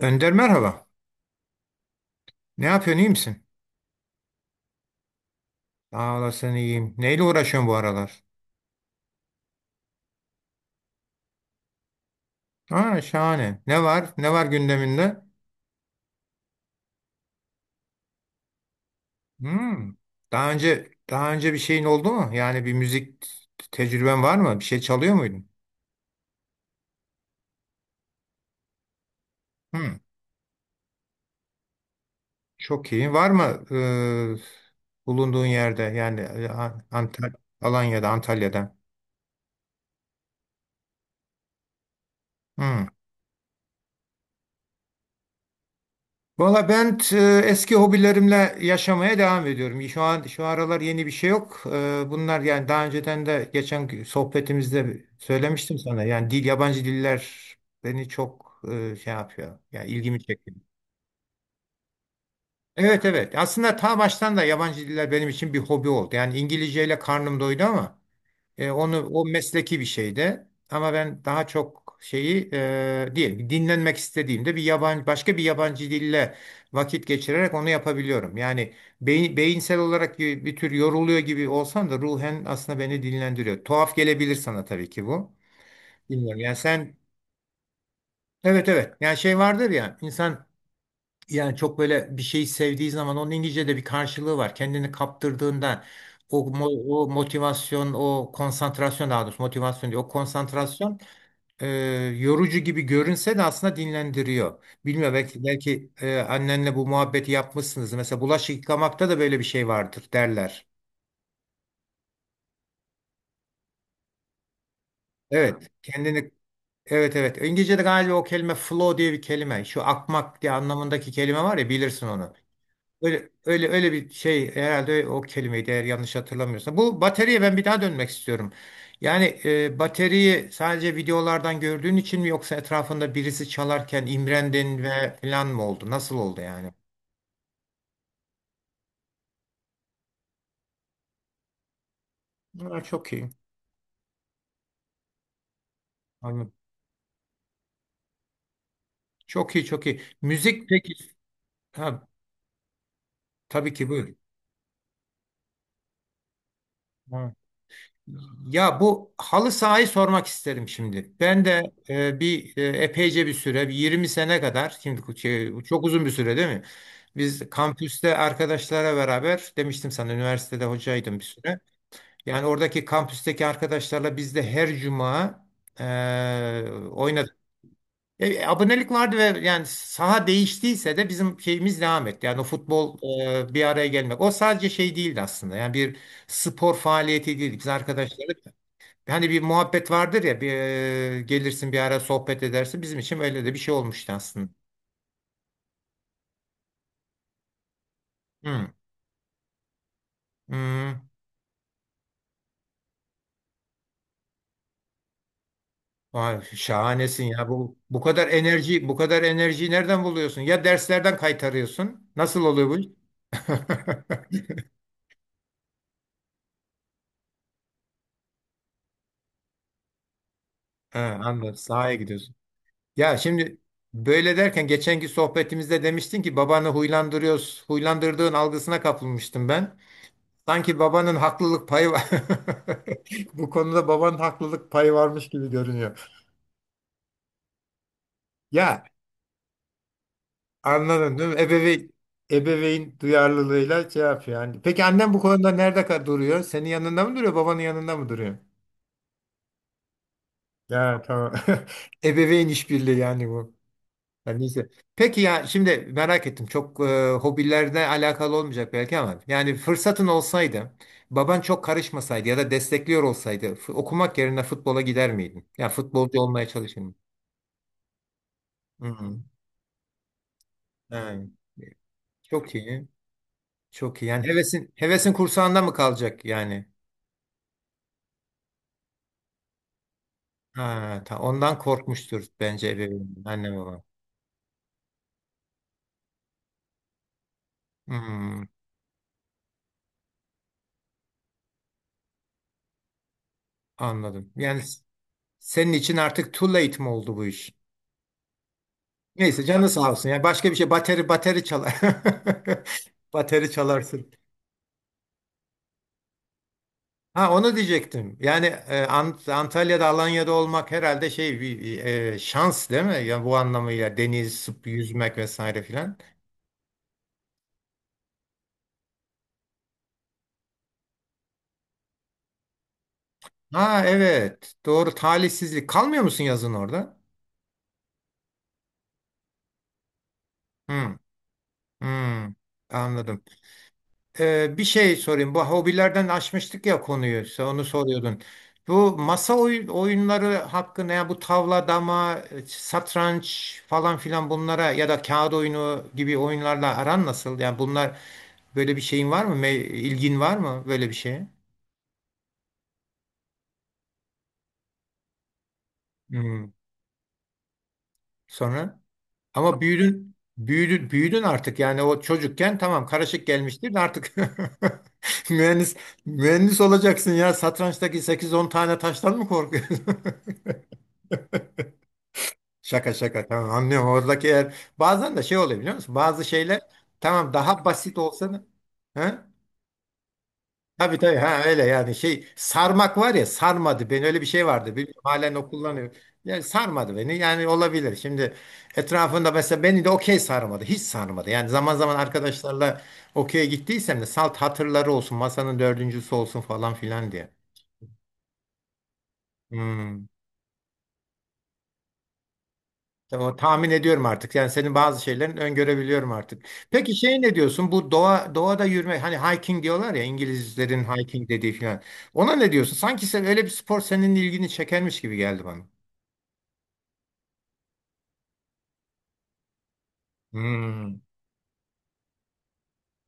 Önder merhaba. Ne yapıyorsun, iyi misin? Sağ olasın, iyiyim. Neyle uğraşıyorsun bu aralar? Ha, şahane. Ne var? Ne var gündeminde? Hmm. Daha önce bir şeyin oldu mu? Yani bir müzik tecrüben var mı? Bir şey çalıyor muydun? Hmm. Çok iyi. Var mı bulunduğun yerde yani Antal Alanya'da, Antalya'da? Hmm. Valla ben t- Eski hobilerimle yaşamaya devam ediyorum. Şu an şu aralar yeni bir şey yok. Bunlar yani daha önceden de geçen sohbetimizde söylemiştim sana. Yani dil, yabancı diller beni çok şey yapıyor. Yani ilgimi çekiyor. Evet, evet. Aslında ta baştan da yabancı diller benim için bir hobi oldu. Yani İngilizceyle karnım doydu ama. Onu, o mesleki bir şey de ama ben daha çok şeyi diyelim ki dinlenmek istediğimde bir yabancı, başka bir yabancı dille vakit geçirerek onu yapabiliyorum. Yani beyinsel olarak bir tür yoruluyor gibi olsam da ruhen aslında beni dinlendiriyor. Tuhaf gelebilir sana tabii ki bu. Bilmiyorum. Yani sen evet, evet, yani şey vardır ya, insan yani çok böyle bir şeyi sevdiği zaman onun İngilizce'de bir karşılığı var. Kendini kaptırdığında o motivasyon, o konsantrasyon, daha doğrusu motivasyon değil, o konsantrasyon, e, yorucu gibi görünse de aslında dinlendiriyor. Bilmiyorum, belki annenle bu muhabbeti yapmışsınız. Mesela bulaşık yıkamakta da böyle bir şey vardır derler. Evet, kendini evet, evet. İngilizce'de galiba o kelime flow diye bir kelime. Şu akmak diye anlamındaki kelime var ya, bilirsin onu. Öyle, öyle bir şey herhalde, o kelimeydi eğer yanlış hatırlamıyorsam. Bu bataryaya ben bir daha dönmek istiyorum. Yani bataryayı sadece videolardan gördüğün için mi yoksa etrafında birisi çalarken imrendin ve falan mı oldu? Nasıl oldu yani? Ha, çok iyi. Anladım. Çok iyi, çok iyi. Müzik peki. Ha, tabii ki buyur. Ha. Ya bu halı sahayı sormak isterim şimdi. Ben de epeyce bir süre, bir 20 sene kadar, şimdi şey, çok uzun bir süre değil mi? Biz kampüste arkadaşlara beraber demiştim sana, üniversitede hocaydım bir süre. Yani oradaki kampüsteki arkadaşlarla biz de her cuma oynadık. Abonelik vardı ve yani saha değiştiyse de bizim şeyimiz devam etti. Yani o futbol bir araya gelmek. O sadece şey değildi aslında. Yani bir spor faaliyeti değildi. Biz arkadaşlarla hani bir muhabbet vardır ya, gelirsin bir ara sohbet edersin. Bizim için öyle de bir şey olmuştu aslında. Hı, hı. Vay, şahanesin ya. Bu kadar enerji, bu kadar enerjiyi nereden buluyorsun? Ya derslerden kaytarıyorsun. Nasıl oluyor bu iş? Ha, anladım. Sahaya gidiyorsun. Ya şimdi böyle derken geçenki sohbetimizde demiştin ki babanı huylandırıyoruz. Huylandırdığın algısına kapılmıştım ben. Sanki babanın haklılık payı var. Bu konuda babanın haklılık payı varmış gibi görünüyor. Ya, anladım değil mi? Ebeveyn duyarlılığıyla şey yapıyor. Yani, peki annem bu konuda nerede ka- duruyor? Senin yanında mı duruyor, babanın yanında mı duruyor? Ya, tamam. Ebeveyn işbirliği yani bu. Yani neyse. Peki ya şimdi merak ettim. Çok hobilerle alakalı olmayacak belki ama yani fırsatın olsaydı, baban çok karışmasaydı ya da destekliyor olsaydı, f- okumak yerine futbola gider miydin? Ya futbolcu olmaya çalışır mıydın? Hı hı. Evet. Çok iyi. Çok iyi. Yani hevesin kursağında mı kalacak yani? Ha, ta- ondan korkmuştur bence ebeveyn, anne baba. Hmm, anladım. Yani s- senin için artık too late mi oldu bu iş? Neyse, canı sağ olsun. Yani başka bir şey, bateri çalar. Bateri çalarsın. Ha, onu diyecektim. Yani Antalya'da, Alanya'da olmak herhalde şey bir şans değil mi? Yani bu anlamıyla deniz, sıp- yüzmek vesaire filan. Ha, evet. Doğru, talihsizlik. Kalmıyor musun yazın orada? Hmm, hmm, anladım. Bir şey sorayım. Bu hobilerden açmıştık ya konuyu. Sen onu soruyordun. Bu masa oy- oyunları hakkında, ya bu tavla, dama, satranç falan filan, bunlara ya da kağıt oyunu gibi oyunlarla aran nasıl? Yani bunlar, böyle bir şeyin var mı? Me- ilgin var mı böyle bir şeye? Hmm. Sonra ama büyüdün artık. Yani o çocukken tamam, karışık gelmiştir de artık mühendis mühendis olacaksın ya. Satrançtaki sekiz on tane taştan mı korkuyorsun? Şaka şaka, tamam, anlıyorum oradaki yer, bazen de şey oluyor biliyor musun? Bazı şeyler tamam daha basit olsa da, ha? Tabii tabii, ha, öyle yani şey, sarmak var ya, sarmadı beni, öyle bir şey vardı, bilmiyorum halen o kullanıyor. Yani sarmadı beni yani, olabilir şimdi, etrafında mesela, beni de okey sarmadı, hiç sarmadı yani, zaman zaman arkadaşlarla okey'e gittiysem de salt hatırları olsun, masanın dördüncüsü olsun falan filan diye. Hmm. Tamam, tahmin ediyorum artık. Yani senin bazı şeylerin öngörebiliyorum artık. Peki şey, ne diyorsun? Bu doğa, doğada yürüme, hani hiking diyorlar ya, İngilizlerin hiking dediği falan. Ona ne diyorsun? Sanki sen öyle bir spor, senin ilgini çekermiş gibi geldi bana. Hmm.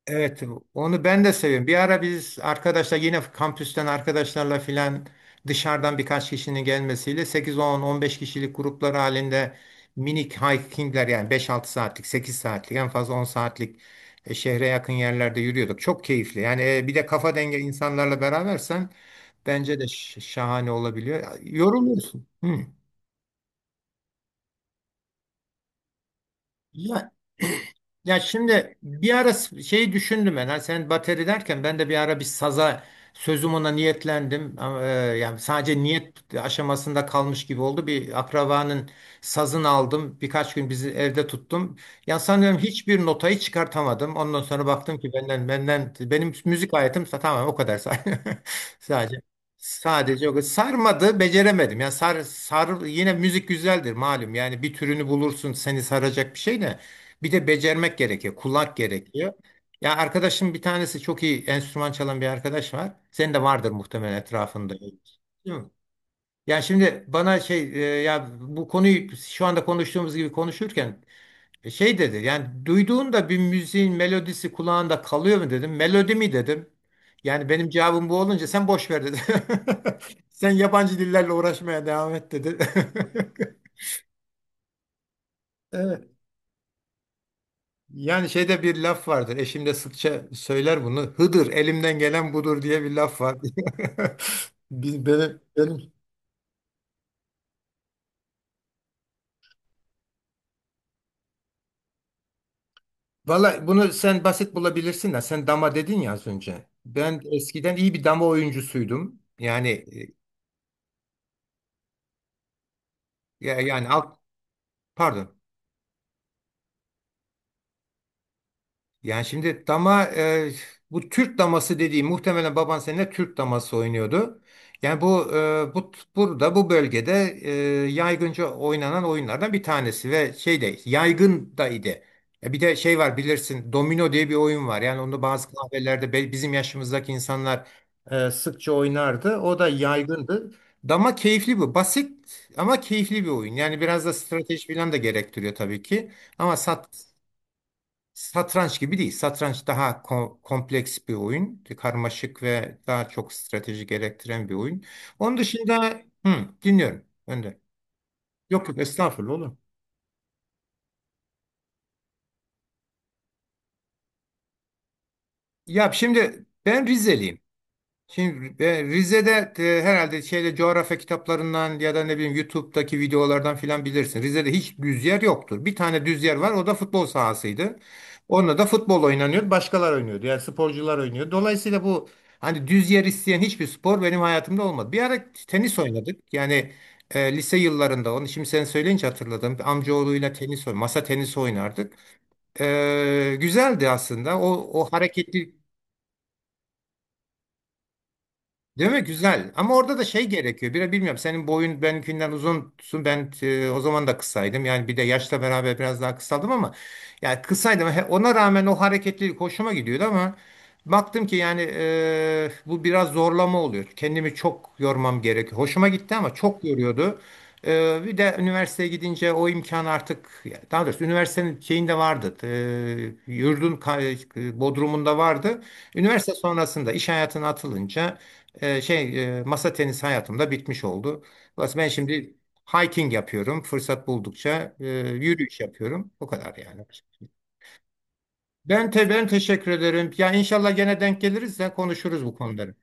Evet, onu ben de seviyorum. Bir ara biz arkadaşlar yine kampüsten arkadaşlarla filan, dışarıdan birkaç kişinin gelmesiyle sekiz on on beş kişilik gruplar halinde minik hikingler, yani beş altı saatlik, 8 saatlik, en fazla 10 saatlik, şehre yakın yerlerde yürüyorduk. Çok keyifli. Yani bir de kafa denge insanlarla berabersen bence de ş- şahane olabiliyor. Yoruluyorsun. Hı. Ya, ya şimdi bir ara s- şeyi düşündüm ben. Ha, sen bateri derken ben de bir ara bir saza sözüm ona niyetlendim. Yani sadece niyet aşamasında kalmış gibi oldu. Bir akrabanın sazını aldım. Birkaç gün bizi evde tuttum. Ya sanıyorum hiçbir notayı çıkartamadım. Ondan sonra baktım ki benden benim müzik hayatım tamamen o kadar say- sadece. Sadece o, sarmadı, beceremedim. Ya sar sar, yine müzik güzeldir malum. Yani bir türünü bulursun seni saracak, bir şey de bir de becermek gerekiyor. Kulak gerekiyor. Ya arkadaşım bir tanesi çok iyi enstrüman çalan bir arkadaş var. Senin de vardır muhtemelen etrafında. Değil mi? Ya şimdi bana şey, ya bu konuyu şu anda konuştuğumuz gibi konuşurken şey dedi, yani duyduğunda bir müziğin melodisi kulağında kalıyor mu dedim. Melodi mi dedim. Yani benim cevabım bu olunca sen boş ver dedi. Sen yabancı dillerle uğraşmaya devam et dedi. Evet. Yani şeyde bir laf vardır. Eşim de sıkça söyler bunu. Hıdır elimden gelen budur diye bir laf var. Biz- benim, benim. Valla bunu sen basit bulabilirsin de sen dama dedin ya az önce. Ben eskiden iyi bir dama oyuncusuydum. Yani ya- yani alt, pardon. Yani şimdi dama bu Türk daması dediği, muhtemelen baban seninle Türk daması oynuyordu. Yani bu burada bu bölgede e, yaygınca oynanan oyunlardan bir tanesi ve şey de yaygın da idi. Bir de şey var, bilirsin, domino diye bir oyun var. Yani onu bazı kahvelerde be- bizim yaşımızdaki insanlar sıkça oynardı. O da yaygındı. Dama keyifli bu. Basit ama keyifli bir oyun. Yani biraz da strateji falan da gerektiriyor tabii ki. Ama sat, satranç gibi değil. Satranç daha ko- kompleks bir oyun. Karmaşık ve daha çok strateji gerektiren bir oyun. Onun dışında hı, dinliyorum. Önde. Yok yok, estağfurullah, olur. Ya şimdi ben Rizeliyim. Şimdi Rize'de herhalde şeyde, coğrafya kitaplarından ya da ne bileyim YouTube'daki videolardan filan bilirsin. Rize'de hiç düz yer yoktur. Bir tane düz yer var. O da futbol sahasıydı. Onunla da futbol oynanıyordu. Başkalar oynuyordu. Yani sporcular oynuyordu. Dolayısıyla bu hani düz yer isteyen hiçbir spor benim hayatımda olmadı. Bir ara tenis oynadık. Yani lise yıllarında, onu şimdi sen söyleyince hatırladım. Amcaoğluyla tenis oyn, masa tenisi oynardık. Güzeldi aslında. O hareketli değil mi? Güzel. Ama orada da şey gerekiyor. Biraz bilmiyorum. Senin boyun benimkinden uzunsun. Ben o zaman da kısaydım. Yani bir de yaşla beraber biraz daha kısaldım ama yani kısaydım. He- ona rağmen o hareketlilik hoşuma gidiyordu ama baktım ki yani bu biraz zorlama oluyor. Kendimi çok yormam gerekiyor. Hoşuma gitti ama çok yoruyordu. Bir de üniversiteye gidince o imkan artık, daha doğrusu üniversitenin şeyinde vardı. Yurdun ka- bodrumunda vardı. Üniversite sonrasında iş hayatına atılınca masa tenisi hayatımda bitmiş oldu. Dolayısıyla ben şimdi hiking yapıyorum. Fırsat buldukça yürüyüş yapıyorum. O kadar yani. Ben teşekkür ederim. Ya inşallah gene denk geliriz de konuşuruz bu konuları.